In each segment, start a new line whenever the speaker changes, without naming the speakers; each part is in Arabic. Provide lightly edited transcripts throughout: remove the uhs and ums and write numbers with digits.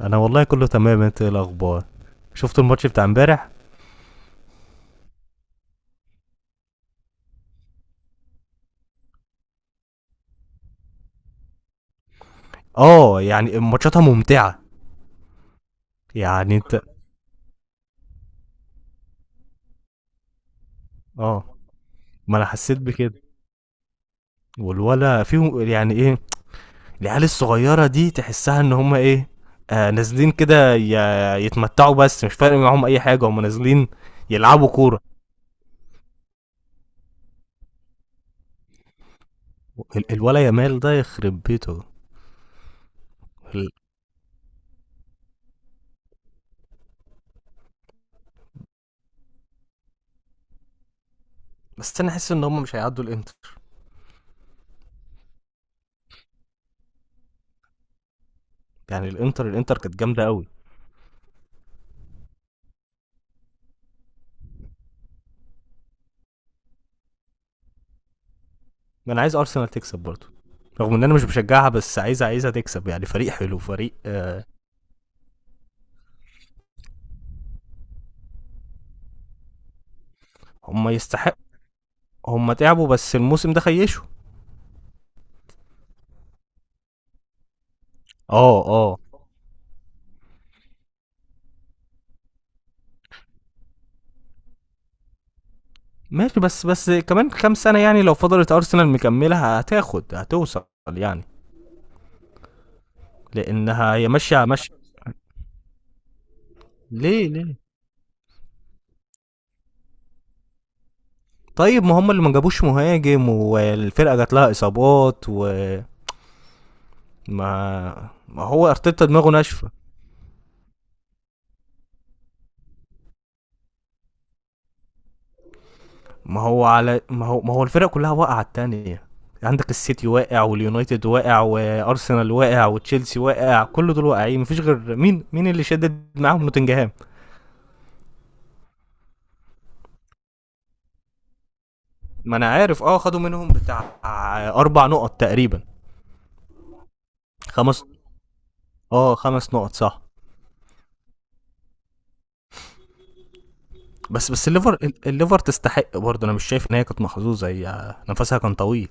انا والله كله تمام، انت ايه الاخبار؟ شفت الماتش بتاع امبارح؟ اه، يعني ماتشاتها ممتعه. يعني انت. اه. ما انا حسيت بكده. والولا فيهم يعني ايه. العيال الصغيره دي تحسها ان هم ايه. آه، نازلين كده يتمتعوا، بس مش فارق معاهم اي حاجه، هم نازلين يلعبوا كوره. الولا يامال ده يخرب بيته. ال- بس انا حاسس ان هم مش هيعدوا الانتر. يعني الانتر كانت جامده قوي. ما انا عايز ارسنال تكسب برضه، رغم ان انا مش بشجعها، بس عايزها تكسب. يعني فريق حلو، فريق هم يستحق. هم تعبوا بس الموسم ده خيشوا. اه، اه. ماشي، بس كمان كام سنه، يعني لو فضلت ارسنال مكمله هتاخد، هتوصل، يعني، لانها هي ماشيه ماشيه. ليه، ليه؟ طيب ما هم اللي ما جابوش مهاجم، والفرقه جات لها اصابات، وما. ما هو ارتيتا دماغه ناشفه. ما هو، على، ما هو الفرق كلها واقعه على التانية. عندك السيتي واقع، واليونايتد واقع، وارسنال واقع، وتشيلسي واقع، كل دول واقعين، مفيش غير مين اللي شدد معاهم؟ نوتنجهام. ما انا عارف، اه، خدوا منهم بتاع اربع نقط تقريبا. خمس. اه، خمس نقط، صح. بس الليفر، الليفر تستحق برضه. انا مش شايف ان هي كانت محظوظه، هي نفسها كان طويل.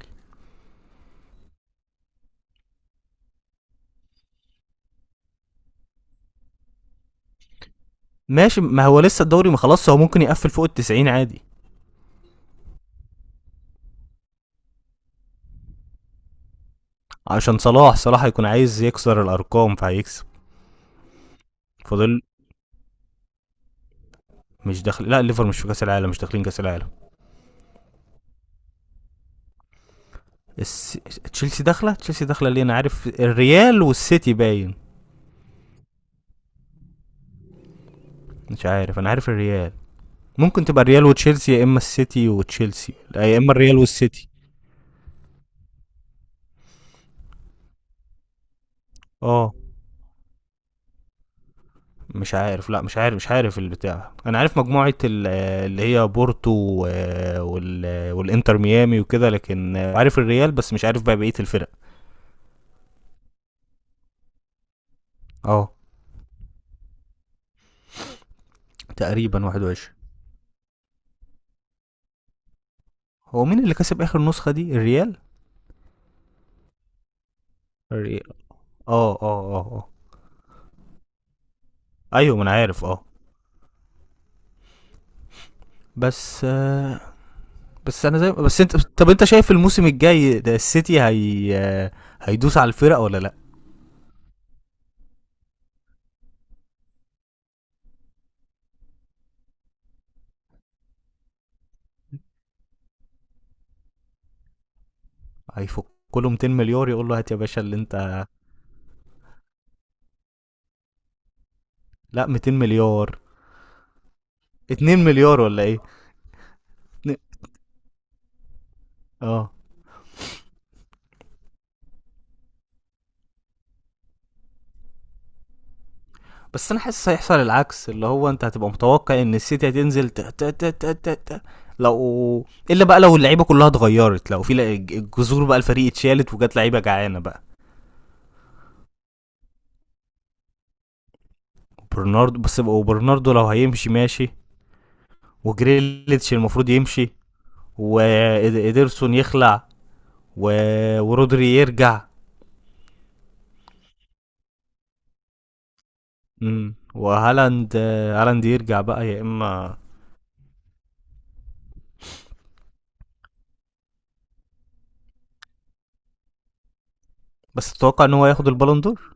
ماشي، ما هو لسه الدوري ما خلاص، هو ممكن يقفل فوق التسعين عادي. عشان صلاح هيكون عايز يكسر الارقام، فهيكسب. فاضل. مش داخل، لا، الليفر مش في كاس العالم، مش داخلين كاس العالم. تشيلسي داخله، تشيلسي داخله. ليه؟ انا عارف الريال والسيتي باين. مش عارف، انا عارف الريال. ممكن تبقى الريال وتشيلسي، يا اما السيتي وتشيلسي، لا، يا اما الريال والسيتي. اه. مش عارف، لا، مش عارف البتاع. انا عارف مجموعه اللي هي بورتو وال والانتر ميامي وكده، لكن عارف الريال، بس مش عارف بقى بقيه الفرق. اه، تقريبا 21. هو مين اللي كسب اخر نسخه دي؟ الريال. الريال. اه، اه، اه، اه. ايوه، ما انا عارف، اه. بس بس انا زي بس انت، طب انت شايف الموسم الجاي ده السيتي هي هيدوس على الفرق ولا لا؟ هيفك. كله 200 مليار يقول له هات يا باشا اللي انت. لا، 200 مليار. 2 مليار ولا ايه؟ اتنين- اه. بس انا حاسس هيحصل العكس، اللي هو انت هتبقى متوقع ان السيتي هتنزل لو، الا بقى لو اللعيبه كلها اتغيرت، لو في الجذور بقى، الفريق اتشالت وجات لعيبه جعانه بقى. برناردو بس، وبرناردو لو هيمشي ماشي. وجريليتش المفروض يمشي. وإيدرسون يخلع. و... ورودري يرجع. وهالاند. هالاند يرجع بقى، يا اما. بس تتوقع ان هو ياخد البالون دور؟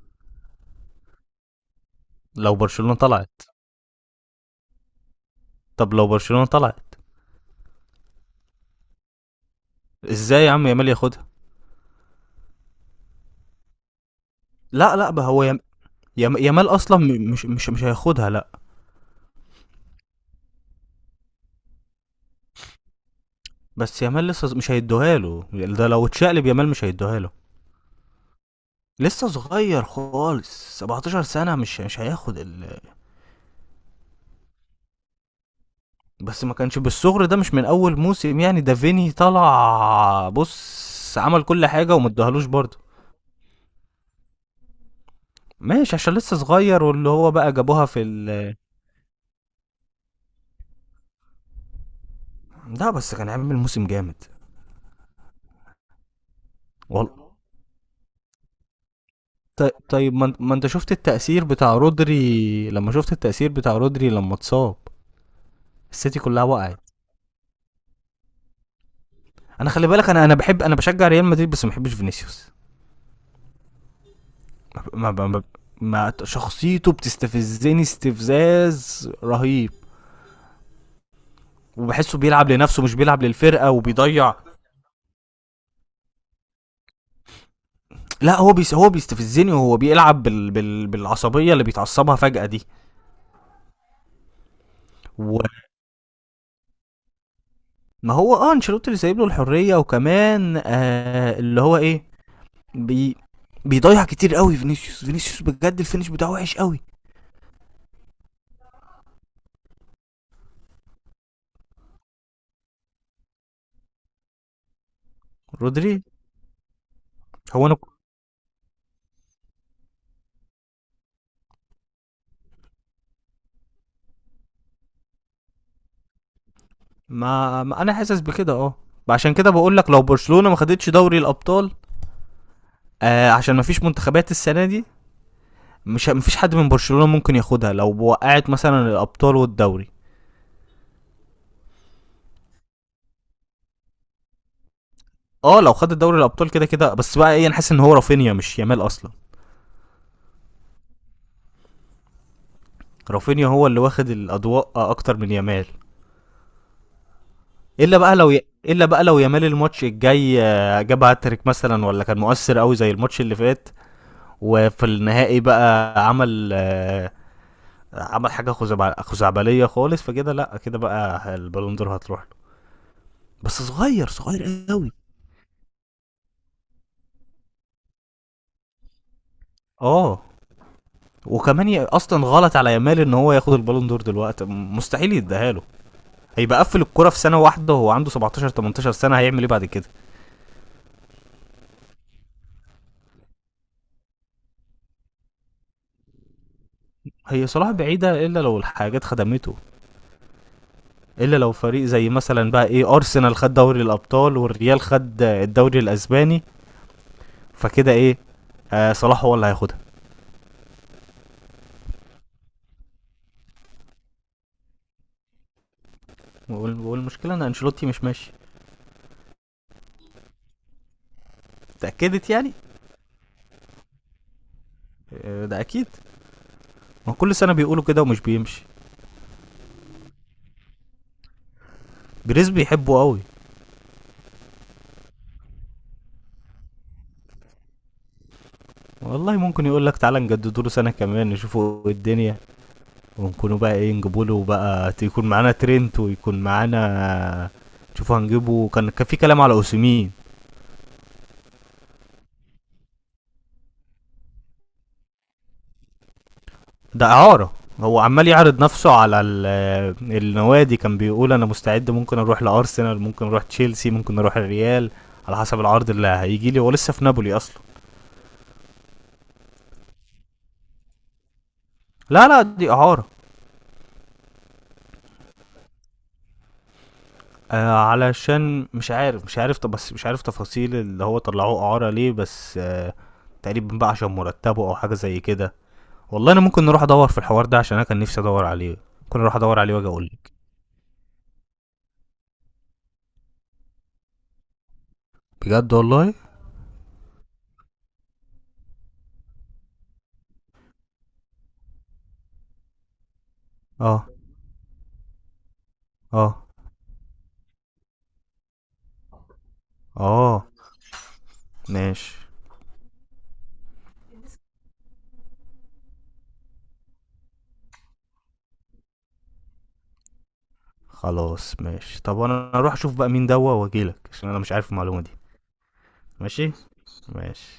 لو برشلونه طلعت. طب لو برشلونه طلعت. ازاي يا عم يامال ياخدها؟ لا لا بقى، هو يامال اصلا مش هياخدها، لا. بس يامال لسه مش هيدوها له، يعني ده لو اتشقلب يامال مش هيدوها له. لسه صغير خالص، 17 سنه، مش مش هياخد بس ما كانش بالصغر ده، مش من اول موسم، يعني ده فيني طلع بص عمل كل حاجه وما ادوهالوش برضه. ماشي، عشان لسه صغير، واللي هو بقى جابوها في ال. ده بس كان عامل موسم جامد. والله. ط- طيب، ما انت شفت التأثير بتاع رودري، لما شفت التأثير بتاع رودري لما اتصاب السيتي كلها وقعت. انا خلي بالك، انا، بحب، انا بشجع ريال مدريد، بس ما بحبش فينيسيوس. ما, ما, ما, ما شخصيته بتستفزني استفزاز رهيب. وبحسه بيلعب لنفسه مش بيلعب للفرقة، وبيضيع. لا، هو بيستفزني، وهو بيلعب بالعصبيه اللي بيتعصبها فجاه دي. وما، هو، اه، انشيلوتي اللي سايب له الحريه، وكمان آه اللي هو ايه. بي... بيضيع كتير قوي فينيسيوس. فينيسيوس بجد الفينش بتاعه وحش قوي. رودري. هو انا. ما انا حاسس بكده، اه. عشان كده بقول لك، لو برشلونه ما خدتش دوري الابطال، آه، عشان ما فيش منتخبات السنه دي، مش، مفيش حد من برشلونه ممكن ياخدها لو وقعت مثلا الابطال والدوري. اه، لو خد دوري الابطال كده كده. بس بقى ايه، انا حاسس ان هو رافينيا مش يامال اصلا. رافينيا هو اللي واخد الاضواء اكتر من يامال. الا بقى لو يامال الماتش الجاي جاب هاتريك مثلا، ولا كان مؤثر قوي زي الماتش اللي فات، وفي النهائي بقى عمل عمل حاجه خزعبليه خالص، فكده لا، كده بقى البالون دور هتروح له. بس صغير، صغير قوي. اه، وكمان اصلا غلط على يامال ان هو ياخد البالون دور دلوقتي، مستحيل يديها له. هيبقى قفل الكرة في سنة واحدة وهو عنده 17، 18 سنة، هيعمل ايه بعد كده؟ هي صلاح بعيدة إلا لو الحاجات خدمته. إلا لو فريق زي مثلا بقى ايه أرسنال خد دوري الأبطال، والريال خد الدوري الأسباني، فكده ايه، آه، صلاح هو اللي هياخدها. والمشكلة إن أنشيلوتي مش ماشي. اتأكدت يعني؟ آه، ده أكيد. ما كل سنة بيقولوا كده ومش بيمشي. جريز بيحبه قوي. والله ممكن يقول لك تعالى نجددوا له سنة كمان نشوفوا الدنيا، ونكونوا بقى ايه، نجيبوا له بقى، يكون معانا ترينت، ويكون معانا. شوفوا هنجيبه، كان في كلام على اوسيمين. ده اعاره. هو عمال يعرض نفسه على النوادي، كان بيقول انا مستعد، ممكن اروح لارسنال، ممكن اروح تشيلسي، ممكن اروح الريال، على حسب العرض اللي هيجي لي. هو لسه في نابولي اصلا. لا لا، دي اعاره. آه، علشان مش عارف، طب بس مش عارف تفاصيل اللي هو طلعوه اعاره ليه، بس آه، تقريبا بقى عشان مرتبه او حاجه زي كده. والله انا ممكن نروح ادور في الحوار ده، عشان انا كان نفسي ادور عليه، ممكن اروح ادور عليه واجي اقولك. بجد والله. اه، اه، اه. ماشي خلاص. ماشي، طب انا اروح اشوف بقى مين دوا واجيلك عشان انا مش عارف المعلومه دي. ماشي. ماشي.